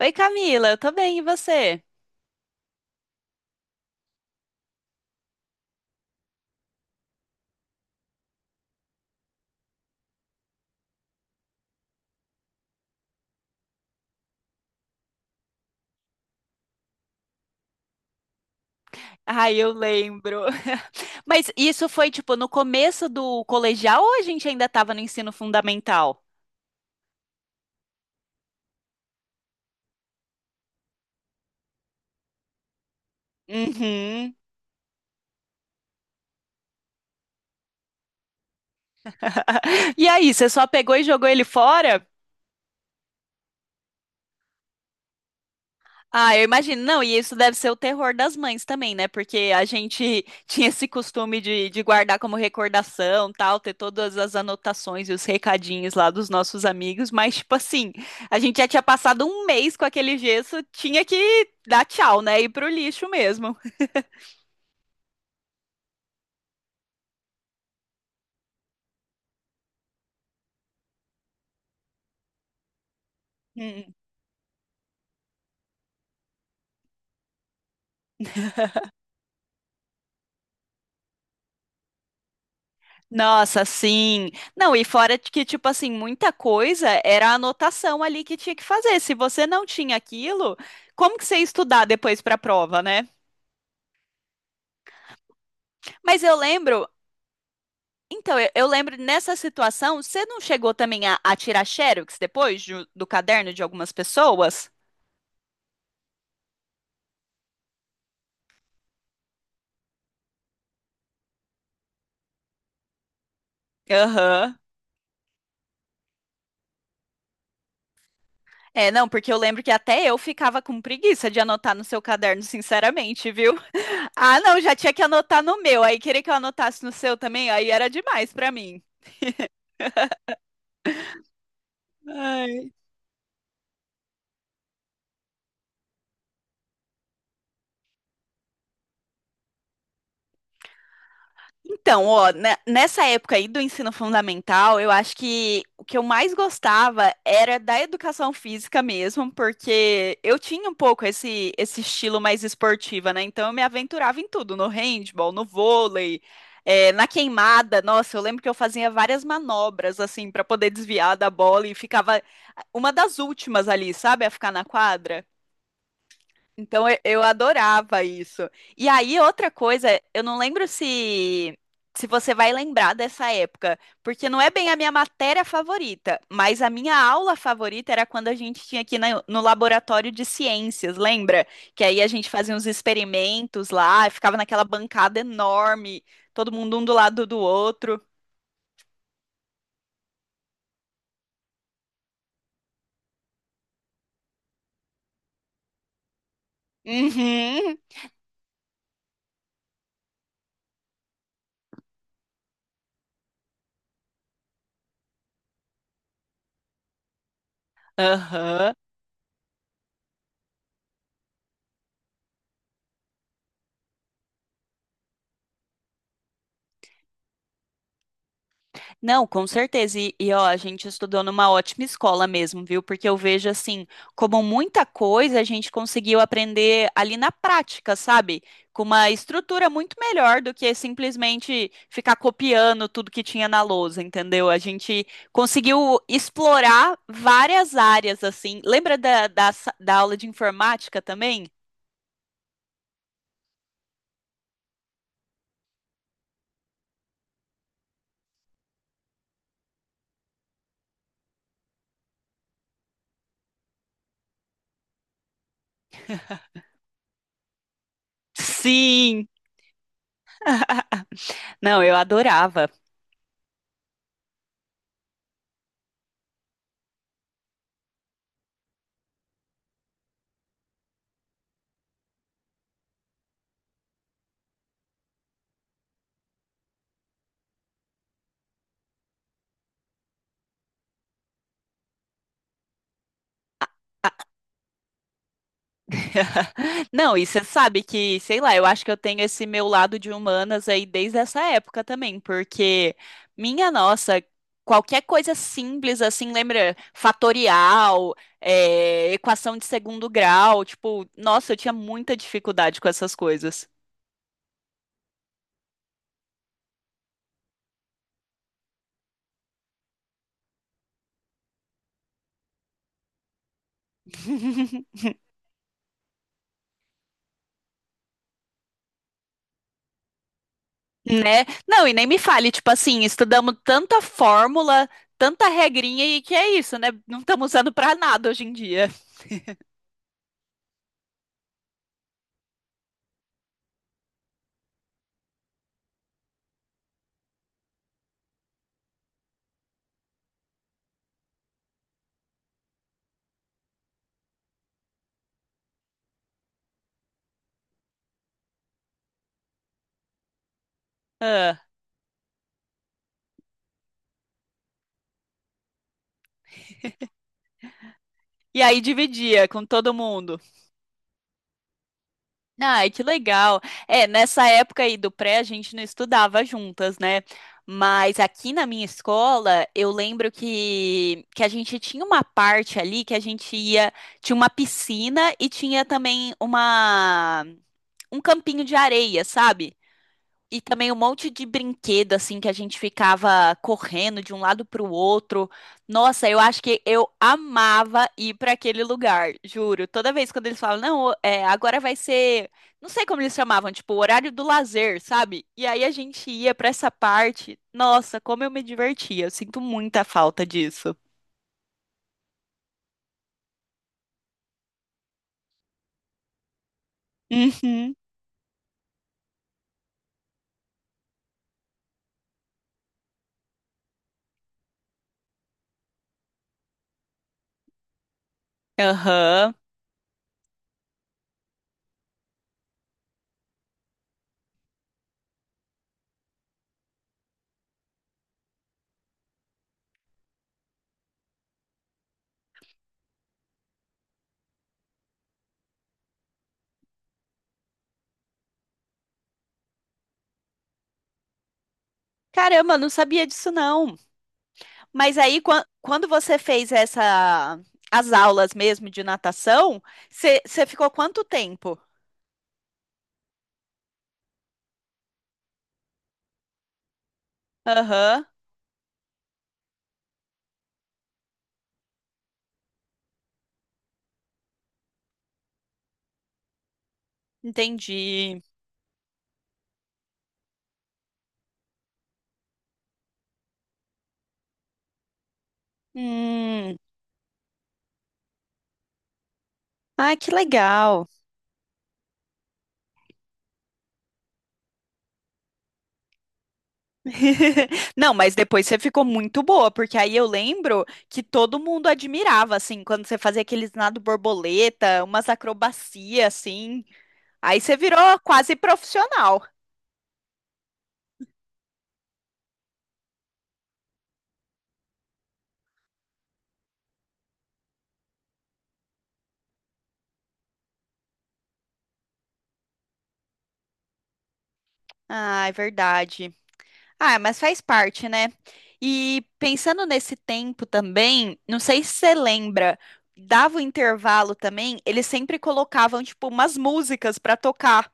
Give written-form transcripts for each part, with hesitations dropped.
Oi, Camila, eu tô bem, e você? Ai, eu lembro. Mas isso foi tipo no começo do colegial ou a gente ainda tava no ensino fundamental? Uhum. E aí, você só pegou e jogou ele fora? Ah, eu imagino. Não, e isso deve ser o terror das mães também, né? Porque a gente tinha esse costume de guardar como recordação, tal, ter todas as anotações e os recadinhos lá dos nossos amigos, mas, tipo assim, a gente já tinha passado um mês com aquele gesso, tinha que dar tchau, né? Ir pro lixo mesmo. Hum. Nossa, sim. Não, e fora de que, tipo assim, muita coisa era a anotação ali que tinha que fazer. Se você não tinha aquilo, como que você ia estudar depois para a prova, né? Mas eu lembro. Então, eu lembro nessa situação, você não chegou também a tirar xerox do caderno de algumas pessoas? Aham. É, não, porque eu lembro que até eu ficava com preguiça de anotar no seu caderno, sinceramente, viu? Ah, não, já tinha que anotar no meu, aí queria que eu anotasse no seu também, aí era demais pra mim. Ai. Então, ó, nessa época aí do ensino fundamental, eu acho que o que eu mais gostava era da educação física mesmo, porque eu tinha um pouco esse, esse estilo mais esportiva, né? Então eu me aventurava em tudo, no handball, no vôlei, na queimada. Nossa, eu lembro que eu fazia várias manobras, assim, para poder desviar da bola e ficava uma das últimas ali, sabe? A ficar na quadra. Então eu adorava isso. E aí, outra coisa, eu não lembro se se você vai lembrar dessa época, porque não é bem a minha matéria favorita, mas a minha aula favorita era quando a gente tinha no laboratório de ciências, lembra? Que aí a gente fazia uns experimentos lá, ficava naquela bancada enorme, todo mundo um do lado do outro. Uhum. Aham. Não, com certeza. Ó, a gente estudou numa ótima escola mesmo, viu? Porque eu vejo assim, como muita coisa a gente conseguiu aprender ali na prática, sabe? Com uma estrutura muito melhor do que simplesmente ficar copiando tudo que tinha na lousa, entendeu? A gente conseguiu explorar várias áreas, assim. Lembra da aula de informática também? Sim! Não, eu adorava. Não, e você sabe que, sei lá, eu acho que eu tenho esse meu lado de humanas aí desde essa época também, porque, minha nossa, qualquer coisa simples assim, lembra? Fatorial, é, equação de segundo grau, tipo, nossa, eu tinha muita dificuldade com essas coisas. Né? Não, e nem me fale, tipo assim, estudamos tanta fórmula, tanta regrinha e que é isso, né? Não estamos usando pra nada hoje em dia. Ah, e aí dividia com todo mundo. Ai, que legal. É, nessa época aí do pré, a gente não estudava juntas, né? Mas aqui na minha escola, eu lembro que a gente tinha uma parte ali que a gente ia, tinha uma piscina e tinha também um campinho de areia, sabe? E também um monte de brinquedo, assim, que a gente ficava correndo de um lado para o outro. Nossa, eu acho que eu amava ir para aquele lugar, juro. Toda vez quando eles falam, não, é, agora vai ser. Não sei como eles chamavam, tipo, o horário do lazer, sabe? E aí a gente ia para essa parte. Nossa, como eu me divertia. Eu sinto muita falta disso. Uhum. Aham. Caramba, eu não sabia disso, não. Mas aí, quando você fez essa, as aulas mesmo de natação, você ficou quanto tempo? Aham, entendi. Hum, ah, que legal. Não, mas depois você ficou muito boa, porque aí eu lembro que todo mundo admirava, assim, quando você fazia aqueles nado borboleta, umas acrobacias, assim. Aí você virou quase profissional. Ah, é verdade. Ah, mas faz parte, né? E pensando nesse tempo também, não sei se você lembra, dava o intervalo também, eles sempre colocavam, tipo, umas músicas pra tocar.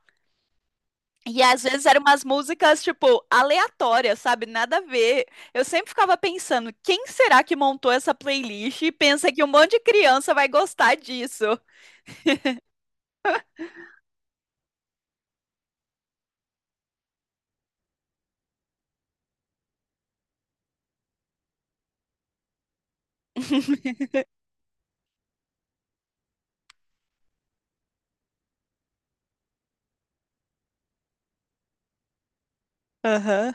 E às vezes eram umas músicas, tipo, aleatórias, sabe? Nada a ver. Eu sempre ficava pensando, quem será que montou essa playlist e pensa que um monte de criança vai gostar disso? Aham.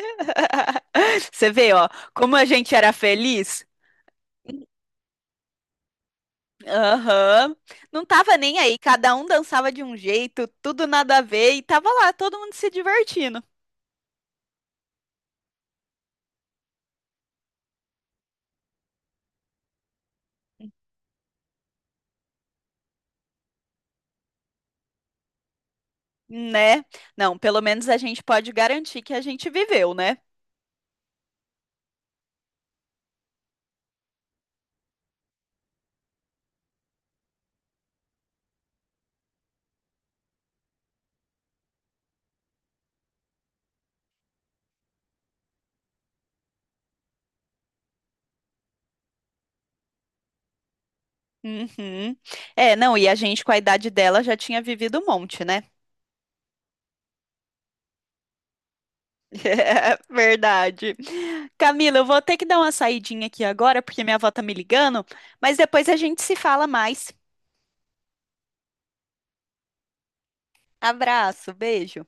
Você vê, ó, como a gente era feliz? Aham. Não tava nem aí, cada um dançava de um jeito, tudo nada a ver, e tava lá todo mundo se divertindo, né? Não, pelo menos a gente pode garantir que a gente viveu, né? Uhum. É, não, e a gente com a idade dela já tinha vivido um monte, né? Verdade. Camila, eu vou ter que dar uma saidinha aqui agora, porque minha avó tá me ligando, mas depois a gente se fala mais. Abraço, beijo.